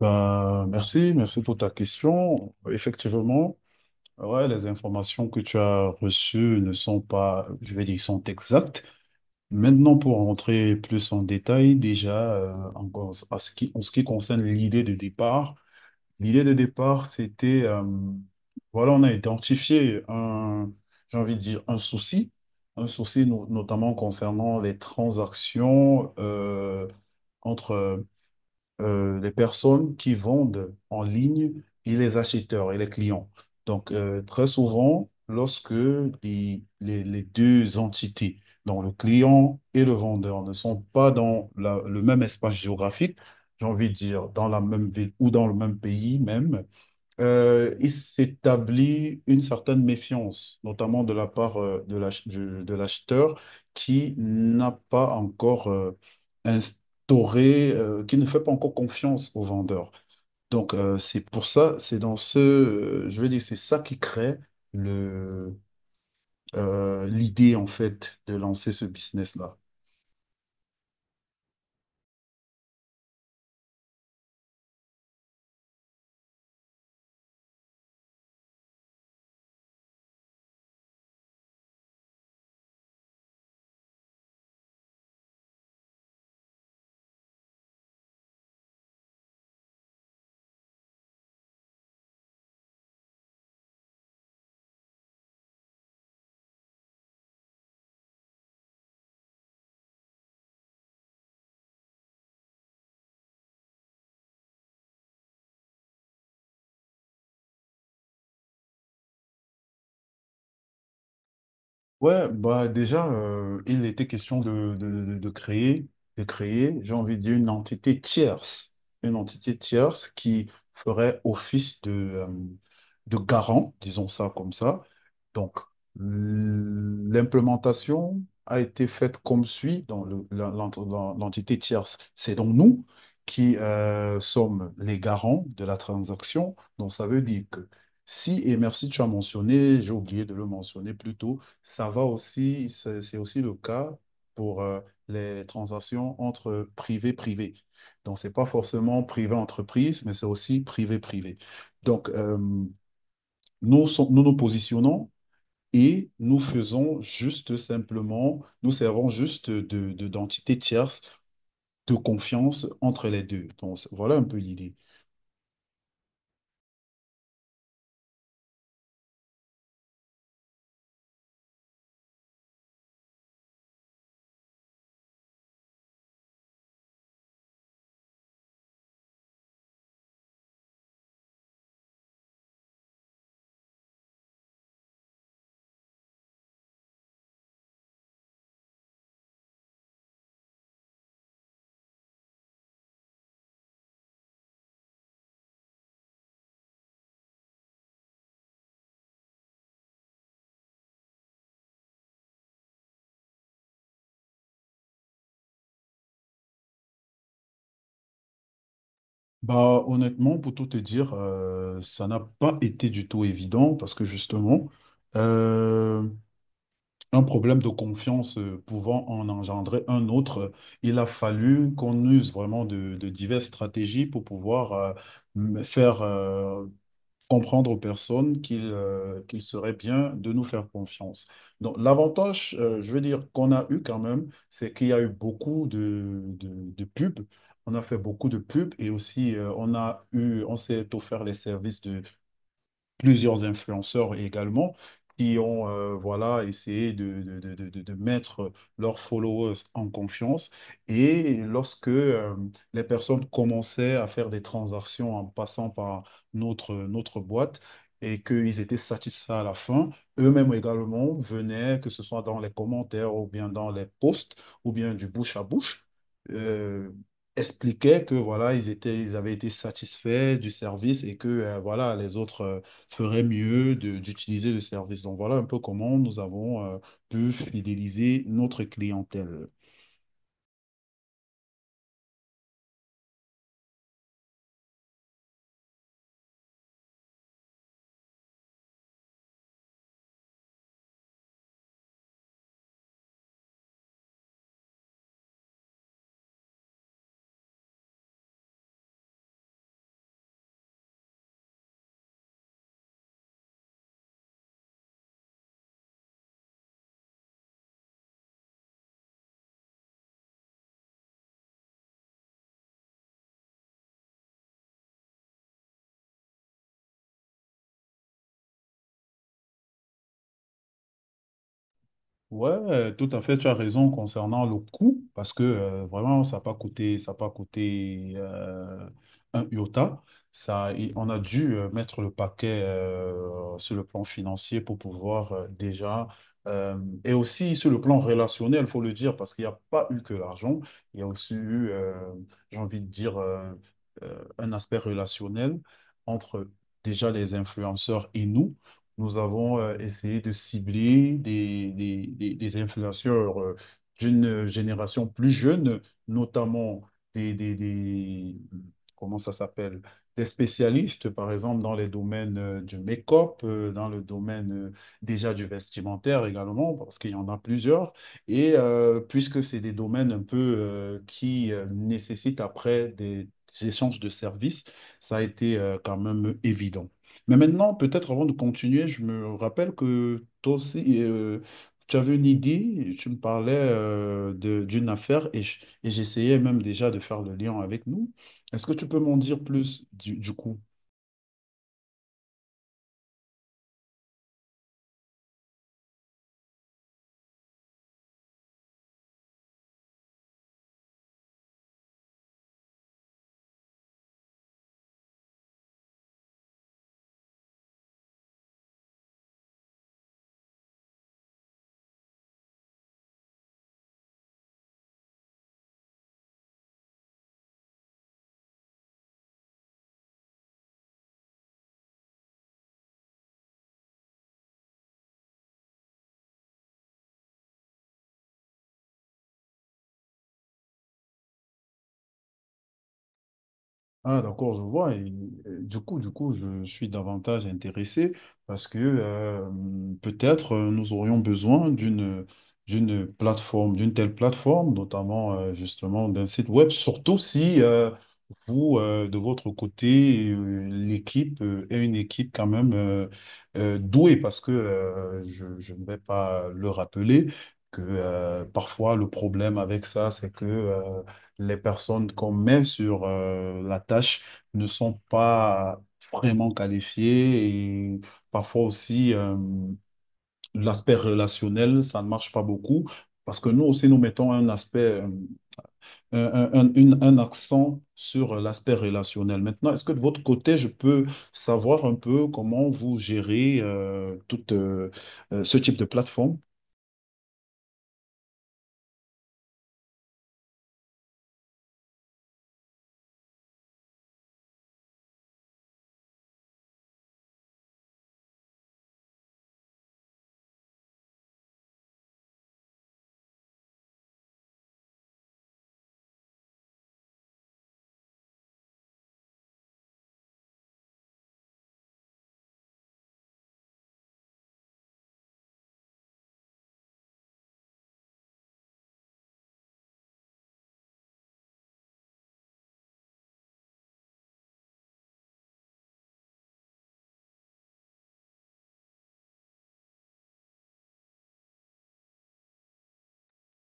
Ben, merci, merci pour ta question. Effectivement, ouais, les informations que tu as reçues ne sont pas, je vais dire, sont exactes. Maintenant, pour rentrer plus en détail, déjà, encore à ce qui, en ce qui concerne l'idée de départ, c'était, voilà, on a identifié un, j'ai envie de dire, un souci notamment concernant les transactions, entre les personnes qui vendent en ligne et les acheteurs et les clients. Donc, très souvent, lorsque les, les deux entités, donc le client et le vendeur, ne sont pas dans le même espace géographique, j'ai envie de dire dans la même ville ou dans le même pays même, il s'établit une certaine méfiance, notamment de la part de de l'acheteur qui n'a pas encore instauré, qui ne fait pas encore confiance au vendeur. Donc, c'est pour ça, c'est dans ce, je veux dire, c'est ça qui crée le, l'idée, en fait, de lancer ce business-là. Ouais, bah déjà, il était question de- de créer, de créer, j'ai envie de dire, une entité tierce qui ferait office de garant, disons ça comme ça. Donc, l'implémentation a été faite comme suit dans dans l'entité tierce. C'est donc nous qui sommes les garants de la transaction. Donc, ça veut dire que si, et merci, tu as mentionné, j'ai oublié de le mentionner plus tôt, ça va aussi, c'est aussi le cas pour les transactions entre privé-privé. Donc, ce n'est pas forcément privé-entreprise, mais c'est aussi privé-privé. Donc, nous, nous nous positionnons et nous faisons juste simplement, nous servons juste de, d'entité tierce de confiance entre les deux. Donc, voilà un peu l'idée. Bah, honnêtement, pour tout te dire, ça n'a pas été du tout évident parce que justement, euh, un problème de confiance pouvant en engendrer un autre, il a fallu qu'on use vraiment de diverses stratégies pour pouvoir faire comprendre aux personnes qu'il qu'il serait bien de nous faire confiance. Donc l'avantage, je veux dire, qu'on a eu quand même, c'est qu'il y a eu beaucoup de pubs. On a fait beaucoup de pubs et aussi on a eu, on s'est offert les services plusieurs influenceurs également qui ont voilà, essayé de mettre leurs followers en confiance. Et lorsque les personnes commençaient à faire des transactions en passant par notre boîte et qu'ils étaient satisfaits à la fin, eux-mêmes également venaient, que ce soit dans les commentaires ou bien dans les posts ou bien du bouche à bouche. euh, expliquaient que voilà ils étaient ils avaient été satisfaits du service et que voilà les autres ferait mieux d'utiliser le service. Donc voilà un peu comment nous avons pu fidéliser notre clientèle. Ouais, tout à fait, tu as raison concernant le coût, parce que vraiment, ça a pas coûté un iota. Ça, et on a dû mettre le paquet sur le plan financier pour pouvoir déjà, euh, et aussi sur le plan relationnel, il faut le dire, parce qu'il n'y a pas eu que l'argent, il y a aussi eu, j'ai envie de dire, un aspect relationnel entre déjà les influenceurs et nous. Nous avons essayé de cibler des, des influenceurs d'une génération plus jeune, notamment des, comment ça s'appelle, des spécialistes, par exemple, dans les domaines du make-up, dans le domaine déjà du vestimentaire également, parce qu'il y en a plusieurs. Et puisque c'est des domaines un peu qui nécessitent après des échanges de services, ça a été quand même évident. Mais maintenant, peut-être avant de continuer, je me rappelle que toi aussi, tu avais une idée, tu me parlais d'une affaire et et j'essayais même déjà de faire le lien avec nous. Est-ce que tu peux m'en dire plus du coup? Ah, d'accord, je vois. Et, du coup, je suis davantage intéressé parce que peut-être nous aurions besoin d'une plateforme, d'une telle plateforme, notamment justement d'un site web, surtout si vous, de votre côté, l'équipe est une équipe quand même douée parce que je ne vais pas le rappeler. Que parfois le problème avec ça, c'est que les personnes qu'on met sur la tâche ne sont pas vraiment qualifiées et parfois aussi l'aspect relationnel, ça ne marche pas beaucoup parce que nous aussi nous mettons un aspect, un, un accent sur l'aspect relationnel. Maintenant, est-ce que de votre côté, je peux savoir un peu comment vous gérez ce type de plateforme?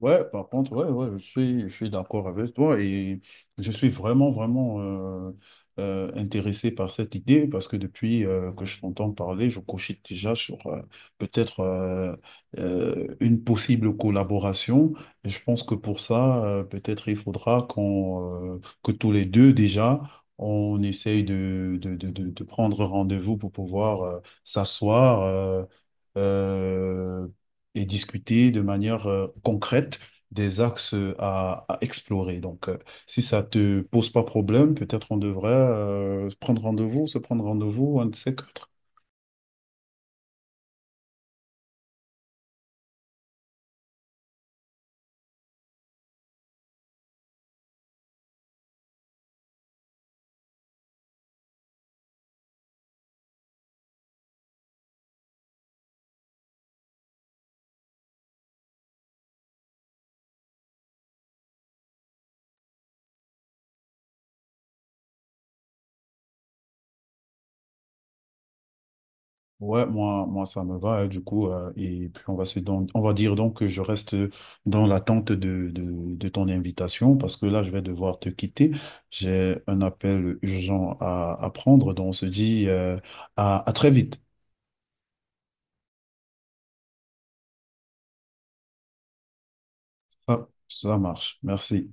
Ouais, par contre, ouais, ouais, je suis d'accord avec toi et je suis vraiment, vraiment intéressé par cette idée parce que depuis que je t'entends parler, je cochite déjà sur peut-être une possible collaboration. Et je pense que pour ça, peut-être il faudra qu'on, que tous les deux déjà, on essaye de prendre rendez-vous pour pouvoir s'asseoir. Euh, et discuter de manière concrète des axes à explorer. Donc, si ça te pose pas problème, peut-être on devrait se prendre rendez-vous, un de ces quatre. Ouais, moi, moi, ça me va, hein, du coup. Et puis, on va on va dire donc que je reste dans l'attente de ton invitation parce que là, je vais devoir te quitter. J'ai un appel urgent à prendre, donc on se dit à très vite. Ah, ça marche. Merci.